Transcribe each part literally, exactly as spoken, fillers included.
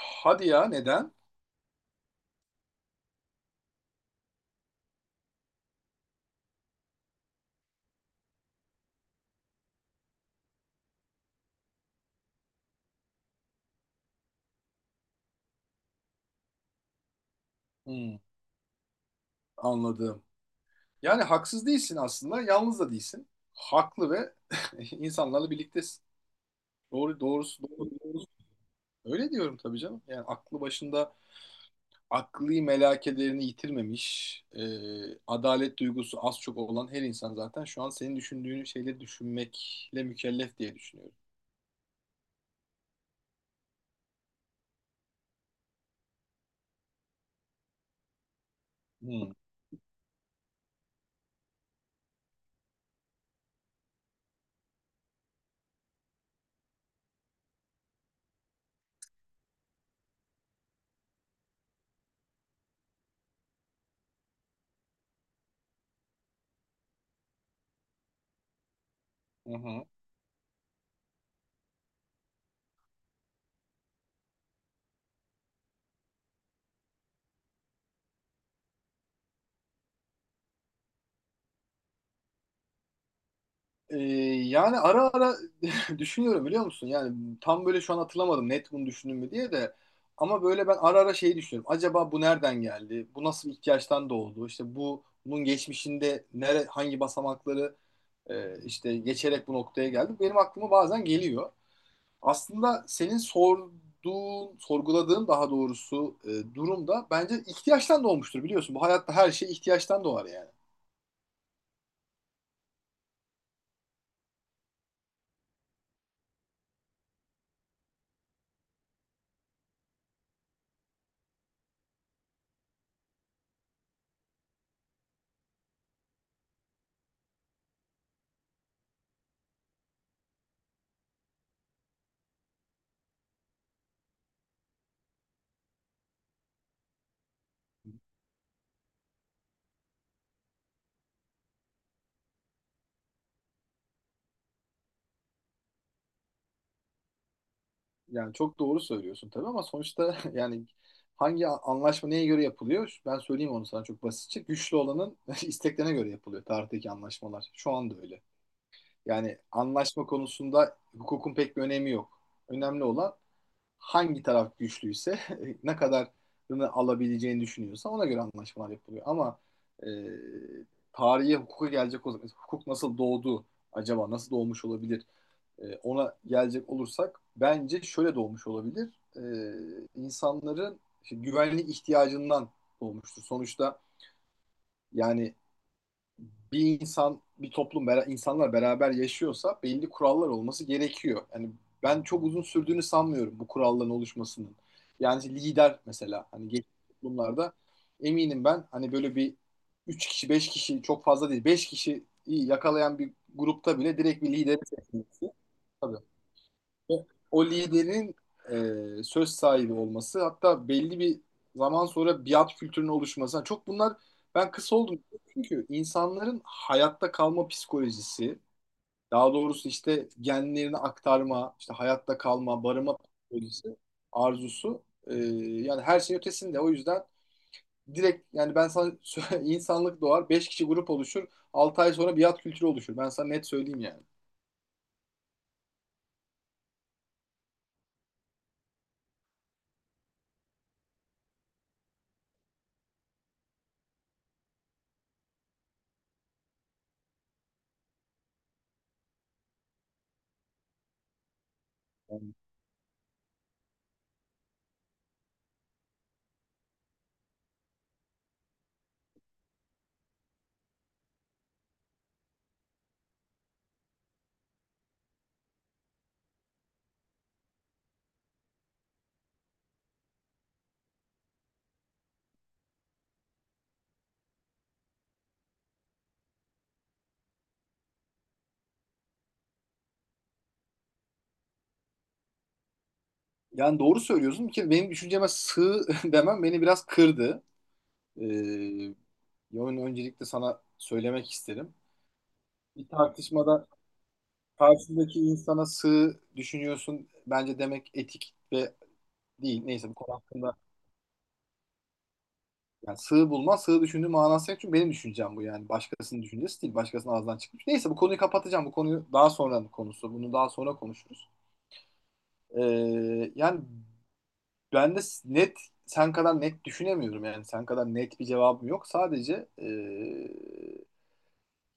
Hadi ya neden? Hmm, anladım. Yani haksız değilsin aslında, yalnız da değilsin. Haklı ve insanlarla birliktesin. Doğru, doğrusu, doğru, doğrusu. Öyle diyorum tabii canım. Yani aklı başında akli melekelerini yitirmemiş, e, adalet duygusu az çok olan her insan zaten şu an senin düşündüğün şeyleri düşünmekle mükellef diye düşünüyorum. Hmm. Hı hı. Ee, yani ara ara düşünüyorum biliyor musun? Yani tam böyle şu an hatırlamadım net bunu düşündüm mü diye de ama böyle ben ara ara şeyi düşünüyorum. Acaba bu nereden geldi? Bu nasıl bir ihtiyaçtan doğdu? İşte bu bunun geçmişinde nere hangi basamakları e, işte geçerek bu noktaya geldi? Benim aklıma bazen geliyor. Aslında senin sorduğun, sorguladığın daha doğrusu e, durumda bence ihtiyaçtan doğmuştur biliyorsun. Bu hayatta her şey ihtiyaçtan doğar yani. Yani çok doğru söylüyorsun tabii ama sonuçta yani hangi anlaşma neye göre yapılıyor? Ben söyleyeyim onu sana çok basitçe. Güçlü olanın isteklerine göre yapılıyor tarihteki anlaşmalar. Şu anda öyle. Yani anlaşma konusunda hukukun pek bir önemi yok. Önemli olan hangi taraf güçlüyse ne kadarını alabileceğini düşünüyorsa ona göre anlaşmalar yapılıyor. Ama e, tarihe hukuka gelecek olsak hukuk nasıl doğdu acaba? Nasıl doğmuş olabilir? E, ona gelecek olursak bence şöyle doğmuş olabilir. E, insanların işte güvenlik ihtiyacından doğmuştur. Sonuçta yani bir insan, bir toplum, insanlar beraber yaşıyorsa belli kurallar olması gerekiyor. Yani ben çok uzun sürdüğünü sanmıyorum bu kuralların oluşmasının. Yani lider mesela hani geçmiş toplumlarda eminim ben hani böyle bir üç kişi beş kişi çok fazla değil beş kişi yakalayan bir grupta bile direkt bir lideri seçmesi. Tabii. O, o liderin e, söz sahibi olması hatta belli bir zaman sonra biat kültürünün oluşması. Çok bunlar ben kısa oldum. Çünkü insanların hayatta kalma psikolojisi, daha doğrusu işte genlerini aktarma, işte hayatta kalma, barınma psikolojisi, arzusu e, yani her şeyin ötesinde. O yüzden direkt yani ben sana insanlık doğar, beş kişi grup oluşur, altı ay sonra biat kültürü oluşur. Ben sana net söyleyeyim yani. Yani doğru söylüyorsun. Ki benim düşünceme sığ demem beni biraz kırdı. Ee, yani öncelikle sana söylemek isterim. Bir tartışmada karşındaki insana sığ düşünüyorsun bence demek etik ve değil. Neyse bu konu hakkında yani sığ bulma, sığ düşündüğü manası yok. Çünkü benim düşüncem bu yani. Başkasının düşüncesi değil. Başkasının ağzından çıkmış. Neyse bu konuyu kapatacağım. Bu konuyu daha sonra konusu. Bunu daha sonra konuşuruz. Ee, yani Ben de s- net sen kadar net düşünemiyorum yani sen kadar net bir cevabım yok. Sadece eee,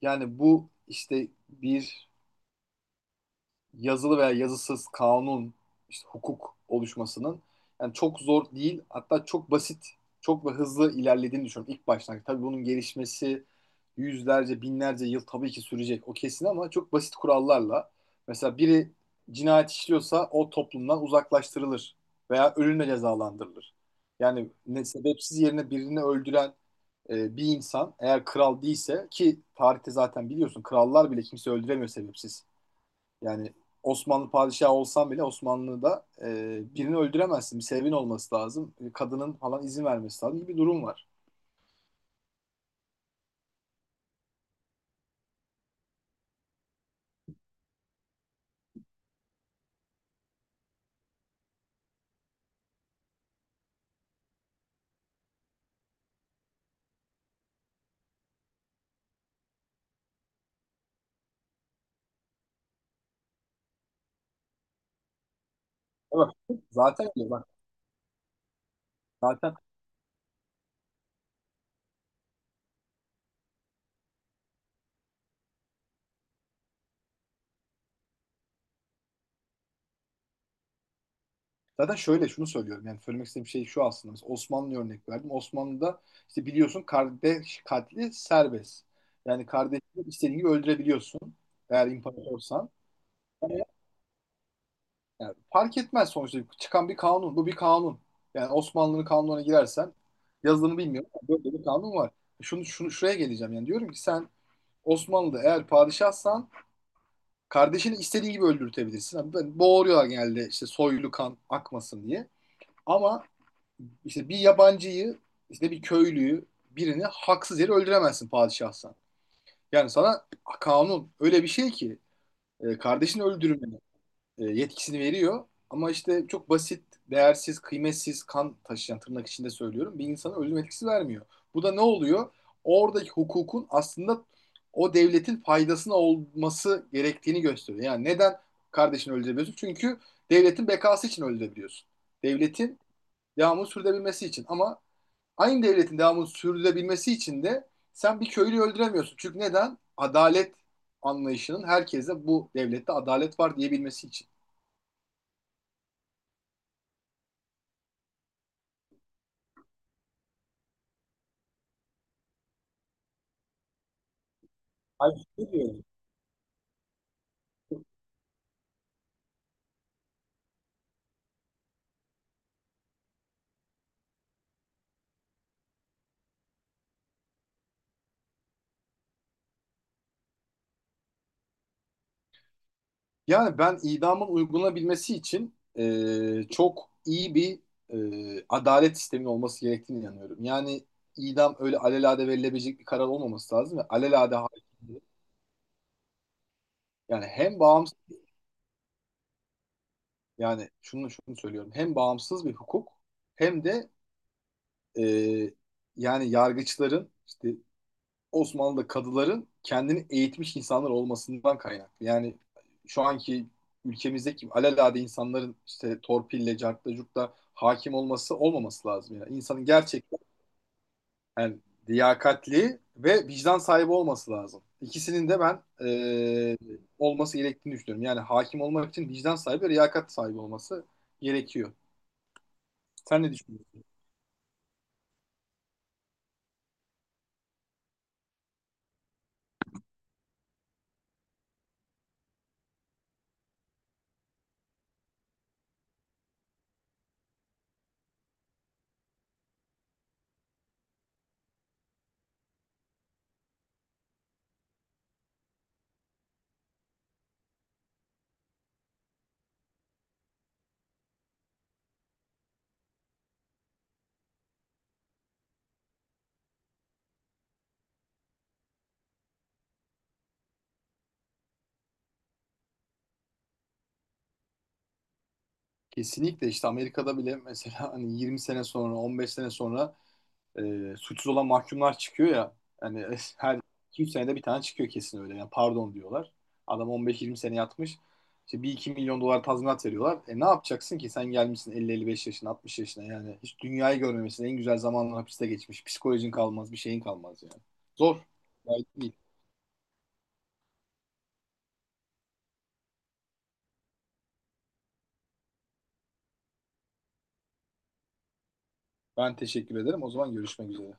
yani bu işte bir yazılı veya yazısız kanun, işte hukuk oluşmasının yani çok zor değil, hatta çok basit, çok da hızlı ilerlediğini düşünüyorum ilk baştan. Tabii bunun gelişmesi yüzlerce, binlerce yıl tabii ki sürecek o kesin ama çok basit kurallarla. Mesela biri cinayet işliyorsa o toplumdan uzaklaştırılır veya ölümle cezalandırılır. Yani ne, sebepsiz yerine birini öldüren e, bir insan eğer kral değilse ki tarihte zaten biliyorsun krallar bile kimse öldüremiyor sebepsiz. Yani Osmanlı padişahı olsan bile Osmanlı'da e, birini öldüremezsin. Bir sebebin olması lazım. E, kadının falan izin vermesi lazım gibi bir durum var. E bak zaten öyle bak. Zaten zaten şöyle şunu söylüyorum. Yani söylemek istediğim şey şu aslında. Mesela Osmanlı'ya örnek verdim. Osmanlı'da işte biliyorsun kardeş katli serbest. Yani kardeşini istediğin gibi öldürebiliyorsun. Eğer imparatorsan. Yani fark etmez sonuçta çıkan bir kanun. Bu bir kanun. Yani Osmanlı'nın kanununa girersen yazılımı bilmiyorum ama böyle bir kanun var. Şunu, şunu şuraya geleceğim yani diyorum ki sen Osmanlı'da eğer padişahsan kardeşini istediğin gibi öldürtebilirsin. Yani böyle boğuruyorlar genelde işte soylu kan akmasın diye. Ama işte bir yabancıyı işte bir köylüyü birini haksız yere öldüremezsin padişahsan. Yani sana kanun öyle bir şey ki e, kardeşini öldürme e, yetkisini veriyor. Ama işte çok basit, değersiz, kıymetsiz kan taşıyan tırnak içinde söylüyorum. Bir insana ölüm etkisi vermiyor. Bu da ne oluyor? Oradaki hukukun aslında o devletin faydasına olması gerektiğini gösteriyor. Yani neden kardeşini öldürebiliyorsun? Çünkü devletin bekası için öldürebiliyorsun. Devletin devamını sürdürebilmesi için. Ama aynı devletin devamını sürdürebilmesi için de sen bir köylüyü öldüremiyorsun. Çünkü neden? Adalet anlayışının herkese bu devlette adalet var diyebilmesi için. Ay, ne diyorum? Yani ben idamın uygulanabilmesi için e, çok iyi bir e, adalet sisteminin olması gerektiğine inanıyorum. Yani idam öyle alelade verilebilecek bir karar olmaması lazım ve alelade hakim- yani hem bağımsız yani şunu şunu söylüyorum hem bağımsız bir hukuk hem de e, yani yargıçların işte Osmanlı'da kadıların kendini eğitmiş insanlar olmasından kaynaklı. Yani şu anki ülkemizdeki alelade insanların işte torpille, cartla, curtla hakim olması olmaması lazım. Yani insanın gerçekten yani liyakatli ve vicdan sahibi olması lazım. İkisinin de ben e, olması gerektiğini düşünüyorum. Yani hakim olmak için vicdan sahibi ve liyakat sahibi olması gerekiyor. Sen ne düşünüyorsun? Kesinlikle işte Amerika'da bile mesela hani yirmi sene sonra, on beş sene sonra e, suçsuz olan mahkumlar çıkıyor ya. Yani her iki üç senede bir tane çıkıyor kesin öyle. Yani pardon diyorlar. Adam on beş yirmi sene yatmış. İşte bir iki milyon dolar tazminat veriyorlar. E ne yapacaksın ki? Sen gelmişsin elli elli beş yaşına, altmış yaşına yani. Hiç dünyayı görmemesin. En güzel zamanlar hapiste geçmiş. Psikolojin kalmaz, bir şeyin kalmaz yani. Zor. Gayet değil. Ben teşekkür ederim. O zaman görüşmek üzere.